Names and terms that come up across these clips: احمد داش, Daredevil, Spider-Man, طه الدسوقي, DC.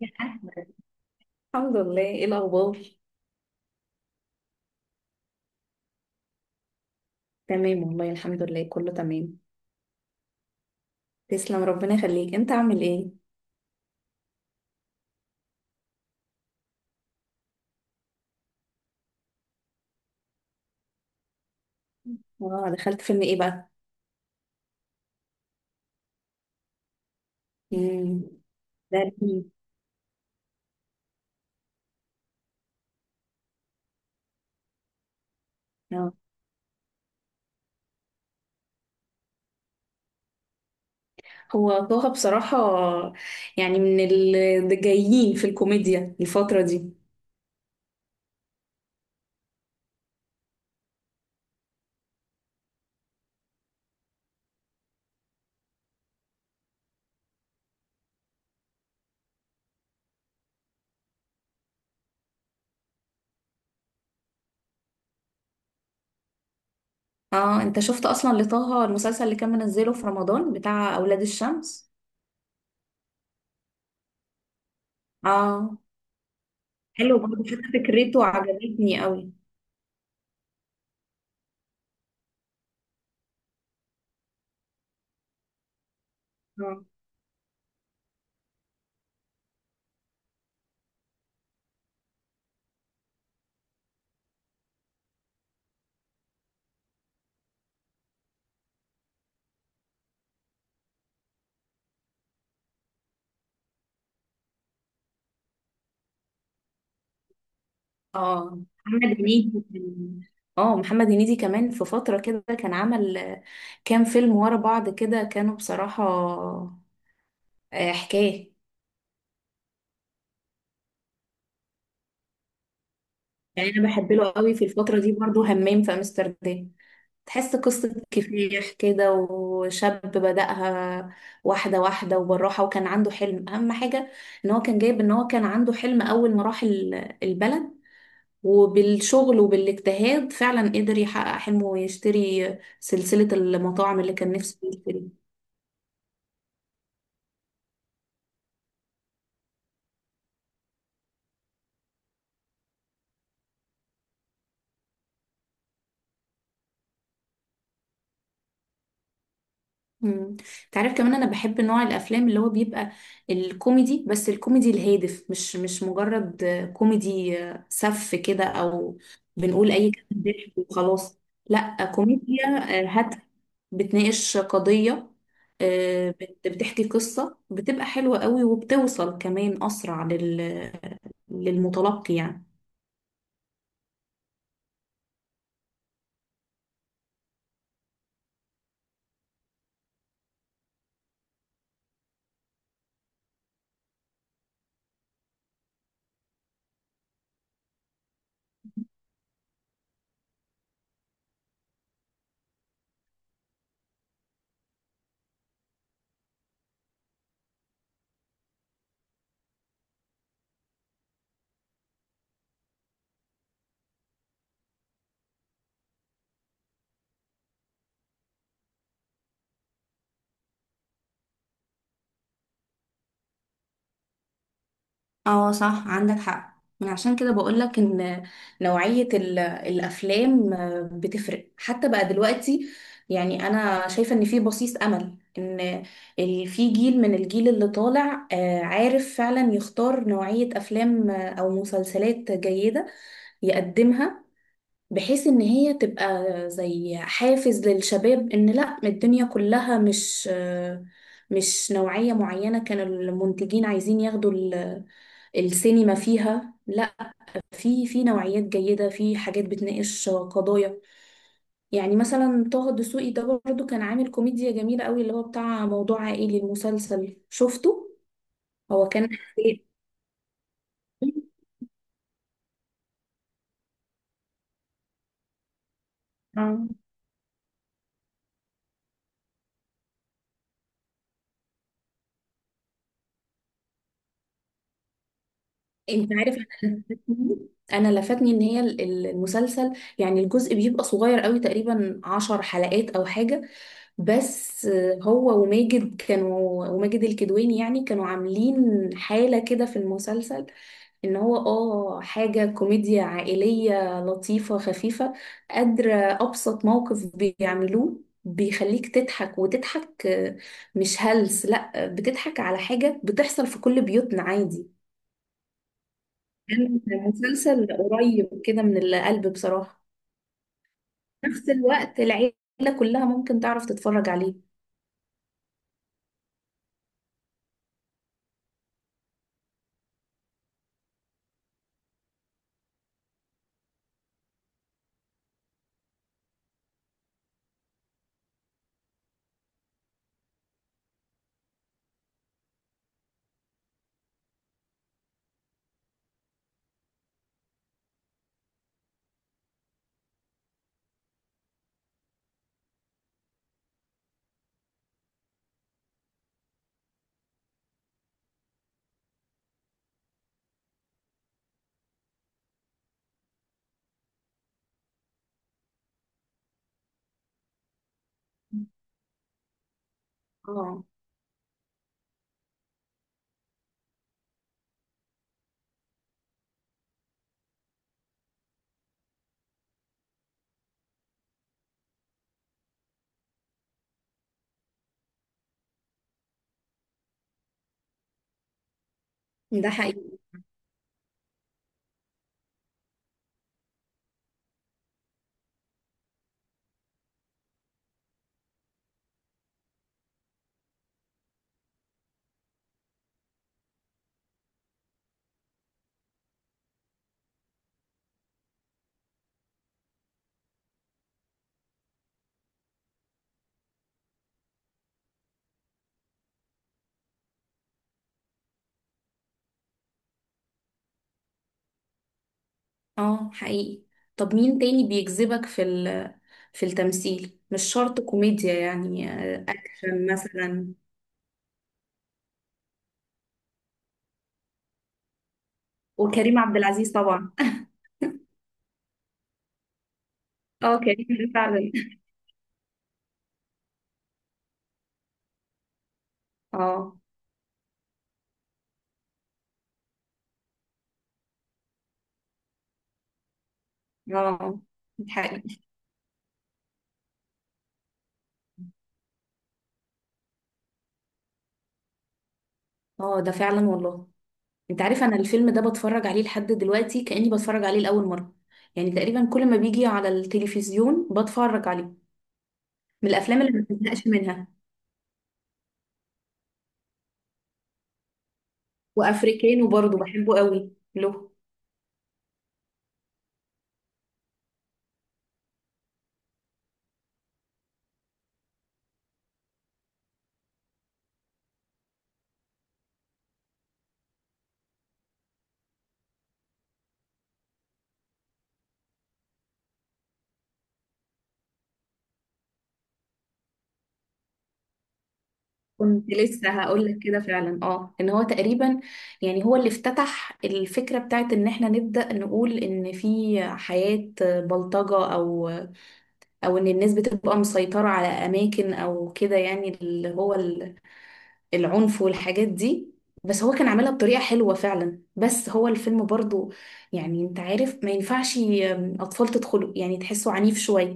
يا أحمد. الحمد لله، ايه الاخبار؟ تمام والله، الحمد لله، كله تمام. تسلم، ربنا يخليك، انت عامل ايه؟ اه، دخلت فيلم ايه بقى؟ امم ده لذيذ. اه، هو طه بصراحة يعني من الجايين في الكوميديا الفترة دي. اه، انت شفت اصلا لطه المسلسل اللي كان منزله في رمضان بتاع اولاد الشمس؟ اه، حلو برضه، حتى فكرته عجبتني قوي. اه، محمد هنيدي كان- اه محمد هنيدي كمان في فترة كده كان عمل كام فيلم ورا بعض كده، كانوا بصراحة حكاية. يعني انا بحب له قوي في الفترة دي برضو، همام في امستردام. تحس قصة كفاح كده، وشاب بدأها واحدة واحدة وبالراحة، وكان عنده حلم، أهم حاجة إن هو كان عنده حلم، أول ما راح البلد، وبالشغل وبالاجتهاد فعلا قدر يحقق حلمه ويشتري سلسلة المطاعم اللي كان نفسه يشتريها. مم. تعرف كمان انا بحب نوع الافلام اللي هو بيبقى الكوميدي، بس الكوميدي الهادف، مش مجرد كوميدي سف كده، او بنقول اي كلام ضحك وخلاص. لا، كوميديا هادفة، بتناقش قضية، بتحكي قصة بتبقى حلوة قوي، وبتوصل كمان أسرع للمتلقي يعني. اه صح، عندك حق، عشان كده بقولك ان نوعية الافلام بتفرق حتى بقى دلوقتي. يعني انا شايفة ان في بصيص امل، ان في جيل، من الجيل اللي طالع عارف فعلا يختار نوعية افلام او مسلسلات جيدة يقدمها، بحيث ان هي تبقى زي حافز للشباب، ان لا، الدنيا كلها مش نوعية معينة كانوا المنتجين عايزين ياخدوا السينما فيها، لا، في نوعيات جيدة، في حاجات بتناقش قضايا. يعني مثلا طه الدسوقي ده برضه كان عامل كوميديا جميلة قوي اللي هو بتاع موضوع عائلي. المسلسل شفته؟ هو كان اه، انت عارف، انا لفتني ان هي المسلسل، يعني الجزء بيبقى صغير قوي، تقريبا عشر حلقات او حاجة، بس هو وماجد الكدواني يعني كانوا عاملين حالة كده في المسلسل، ان هو حاجة كوميديا عائلية لطيفة خفيفة، قادرة ابسط موقف بيعملوه بيخليك تضحك وتضحك، مش هلس، لا بتضحك على حاجة بتحصل في كل بيوتنا عادي. كان مسلسل قريب كده من القلب بصراحة، في نفس الوقت العيلة كلها ممكن تعرف تتفرج عليه. اه، ده حقيقي. اه حقيقي. طب مين تاني بيجذبك في التمثيل؟ مش شرط كوميديا، يعني اكشن مثلا. وكريم عبد العزيز طبعا اه، كريم ده فعلا. اه، اه. ده حقيقي. اه، ده فعلا والله. انت عارف، انا الفيلم ده بتفرج عليه لحد دلوقتي كأني بتفرج عليه لأول مرة، يعني تقريبا كل ما بيجي على التلفزيون بتفرج عليه، من الافلام اللي ما بزهقش منها. وافريكانو برضو بحبه قوي له. كنت لسه هقول لك كده فعلا، اه ان هو تقريبا، يعني هو اللي افتتح الفكرة بتاعت ان احنا نبدأ نقول ان في حياة بلطجة، او ان الناس بتبقى مسيطرة على اماكن او كده، يعني اللي هو العنف والحاجات دي، بس هو كان عاملها بطريقة حلوة فعلا، بس هو الفيلم برضو، يعني انت عارف ما ينفعش أطفال تدخلوا، يعني تحسوا عنيف شوية،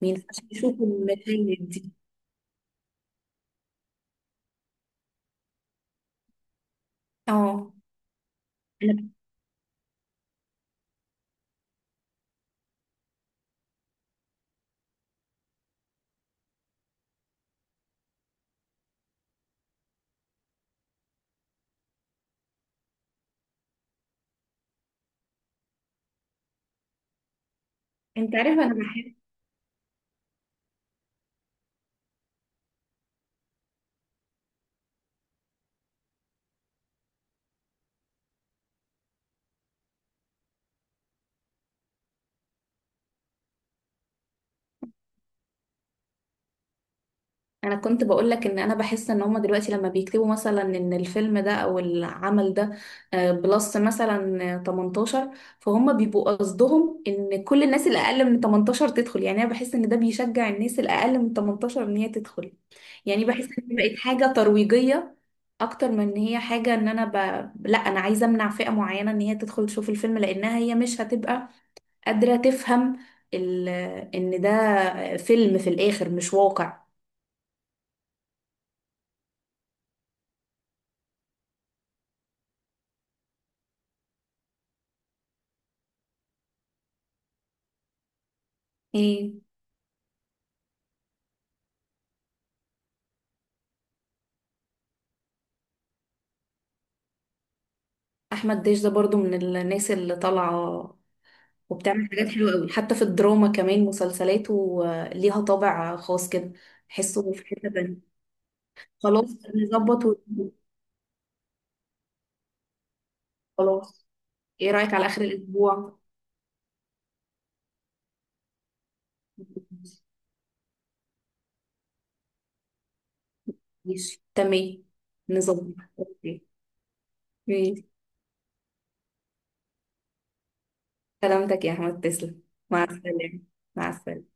ما ينفعش يشوفوا المشاهد دي. اه. أنا- انت عارف، انا كنت بقولك ان انا بحس ان هما دلوقتي لما بيكتبوا مثلا ان الفيلم ده او العمل ده بلس مثلا 18، فهم بيبقوا قصدهم ان كل الناس اللي اقل من 18 تدخل، يعني انا بحس ان ده بيشجع الناس اللي اقل من 18 ان هي تدخل، يعني بحس ان هي بقت حاجة ترويجية اكتر من ان هي حاجة ان انا لا، انا عايزة امنع فئة معينة ان هي تدخل تشوف الفيلم، لانها هي مش هتبقى قادرة تفهم ال... ان ده فيلم في الاخر مش واقع. ايه، احمد داش ده برضو من الناس اللي طالعه، وبتعمل حاجات حلوه قوي، حتى في الدراما كمان مسلسلاته ليها طابع خاص كده، تحسه في حته تانية. خلاص، نظبط خلاص، ايه رايك على اخر الاسبوع؟ ماشي تمام، نظبط، اوكي. ماشي. سلامتك يا احمد، تسلم. مع السلامه. مع السلامه.